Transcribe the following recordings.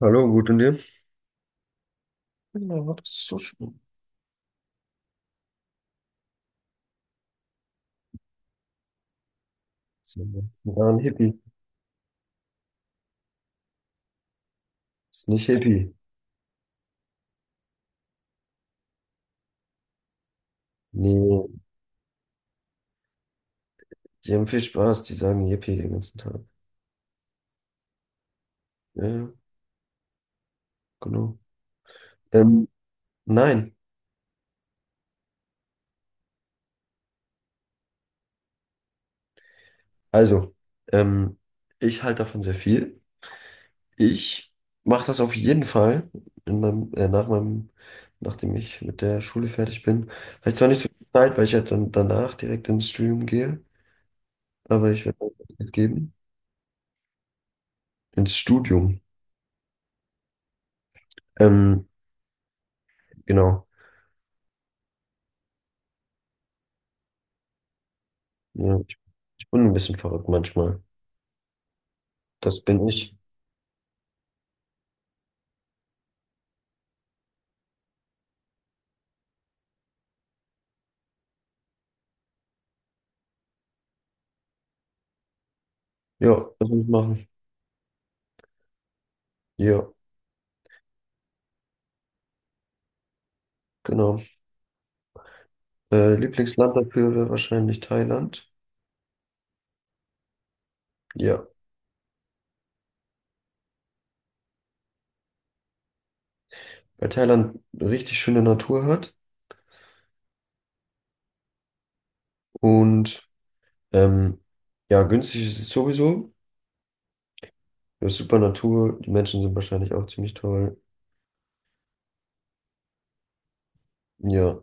Hallo, gut und dir? Ja, das ist so schön. Ja, ein Hippie. Ist nicht Hippie. Nee, die haben viel Spaß, die sagen Hippie den ganzen Tag. Ja, ja, genau. Ähm, nein, also, ähm, ich halte davon sehr viel. Ich mache das auf jeden Fall in meinem, nach meinem, nachdem ich mit der Schule fertig bin. Vielleicht zwar nicht so viel Zeit, weil ich ja dann danach direkt ins Studium gehe, aber ich werde auch Zeit geben. Ins Studium. Ähm, genau. Ja. Bin ein bisschen verrückt manchmal. Das bin ich. Ja, was muss ich machen? Ja, genau. Lieblingsland dafür wäre wahrscheinlich Thailand. Ja, weil Thailand richtig schöne Natur hat und ähm, ja, günstig ist es sowieso. Ja, super Natur. Die Menschen sind wahrscheinlich auch ziemlich toll. Ja,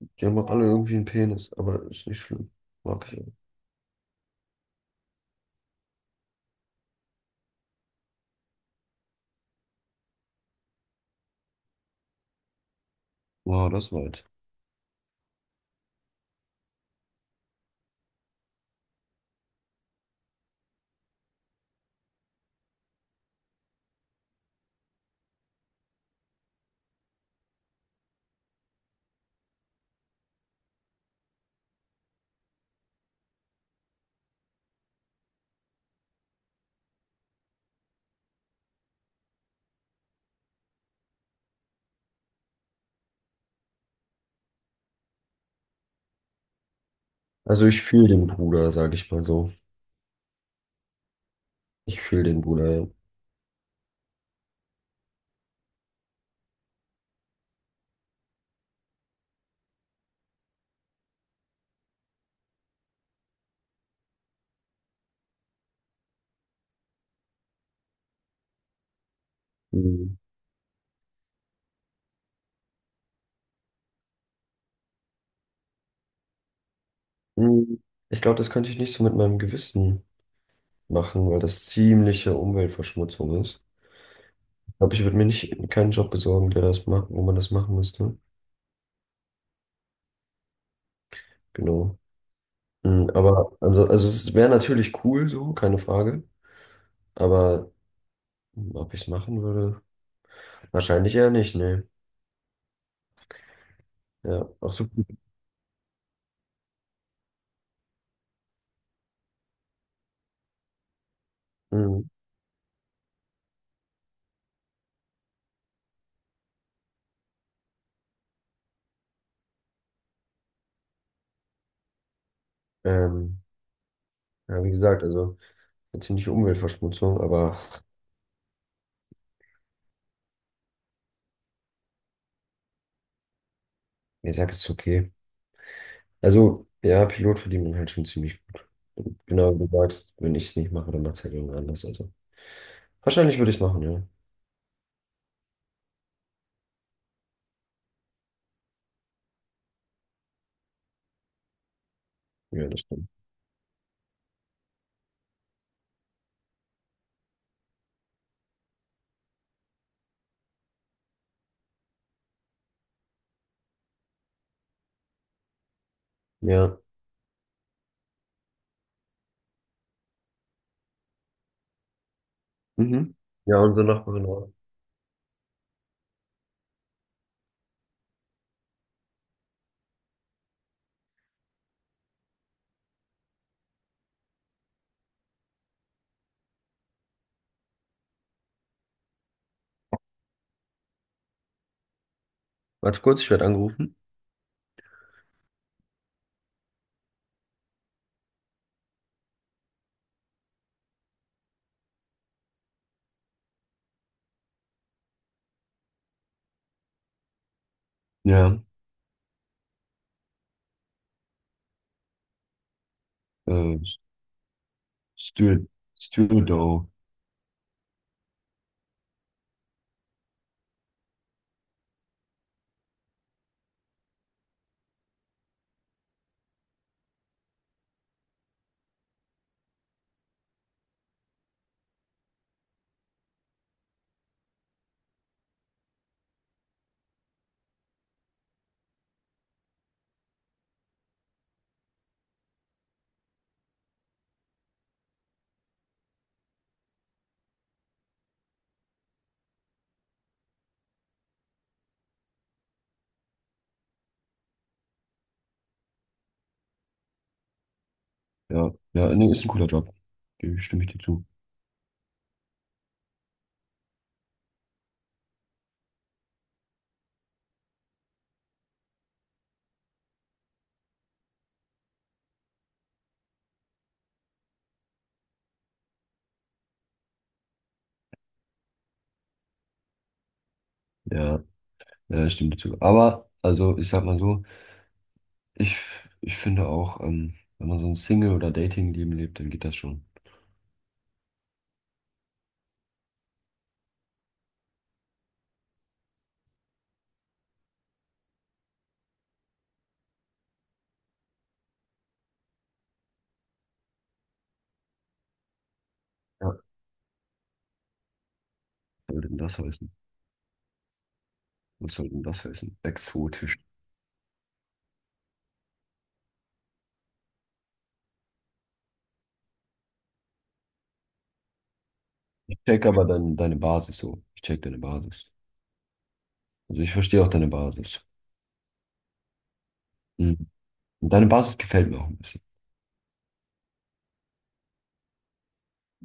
die haben auch alle irgendwie einen Penis, aber ist nicht schlimm. Mag ich. Wow, das war weit. Also ich fühle den Bruder, sage ich mal so. Ich fühle den Bruder, ja. Mhm. Mhm. Ich glaube, das könnte ich nicht so mit meinem Gewissen machen, weil das ziemliche Umweltverschmutzung ist. Ich glaube, ich würde mir nicht keinen Job besorgen, der das macht, wo man das machen müsste. Genau. Mm. Aber also es wäre natürlich cool so, keine Frage. Aber ob ich es machen würde, wahrscheinlich eher nicht, ne. Ja, auch so. Mm. Ähm, ja, wie gesagt, also eine ziemliche Umweltverschmutzung, aber ich sag, es ist okay. Also, ja, Pilot verdient man halt schon ziemlich gut. Genau wie du sagst, wenn ich es nicht mache, dann macht es halt irgendwer anders. Also wahrscheinlich würde ich es machen, ja. Ja, das stimmt. Ja. Mhm. Ja, unsere Nachbarin auch. Warte kurz, ich werde angerufen. Ja, äh, Steward, Stewardo. Ja, ja, nee, ist ein cooler Job. Gebe ich- Stimme ich dir zu. Ja, ja, ich stimme dir zu. Aber, also, ich sag mal so, ich, ich finde auch, wenn man so ein Single- oder Dating-Leben lebt, dann geht das schon. Ja. Was soll denn das heißen? Was soll denn das heißen? Exotisch. Ich check aber deine Basis so. Ich check deine Basis. Also, ich verstehe auch deine Basis. Mhm. Und deine Basis gefällt mir auch ein bisschen.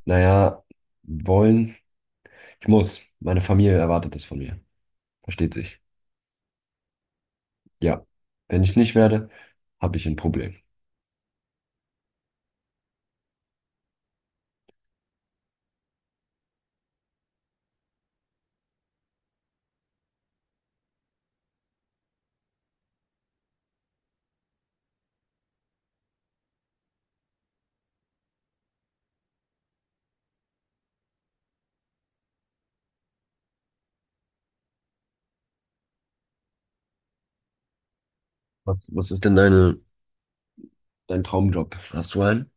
Naja, wollen. Ich muss. Meine Familie erwartet das von mir. Versteht sich. Ja. Wenn ich es nicht werde, habe ich ein Problem. Was ist denn deine, dein Traumjob? Hast du einen?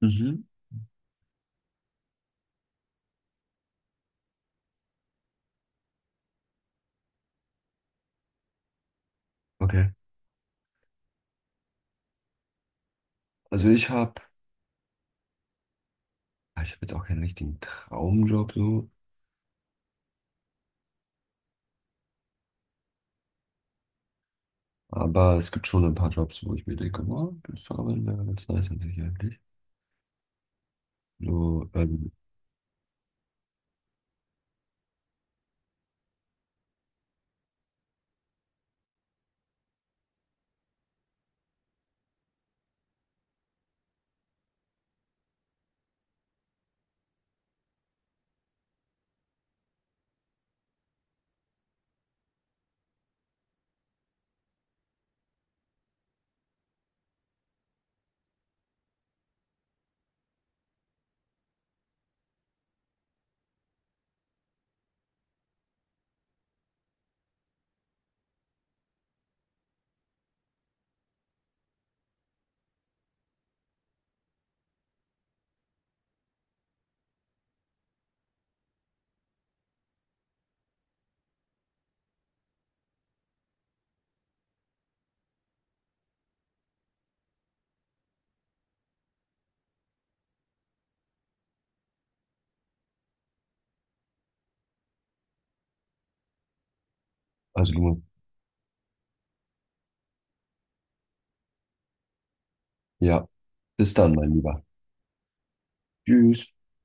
Mhm. Okay. Also ich habe jetzt auch keinen richtigen Traumjob so, aber es gibt schon ein paar Jobs, wo ich mir denke, wow, das Arbeiten wäre ganz nice an sich eigentlich. So, also du, ja. Bis dann, mein Lieber. Tschüss.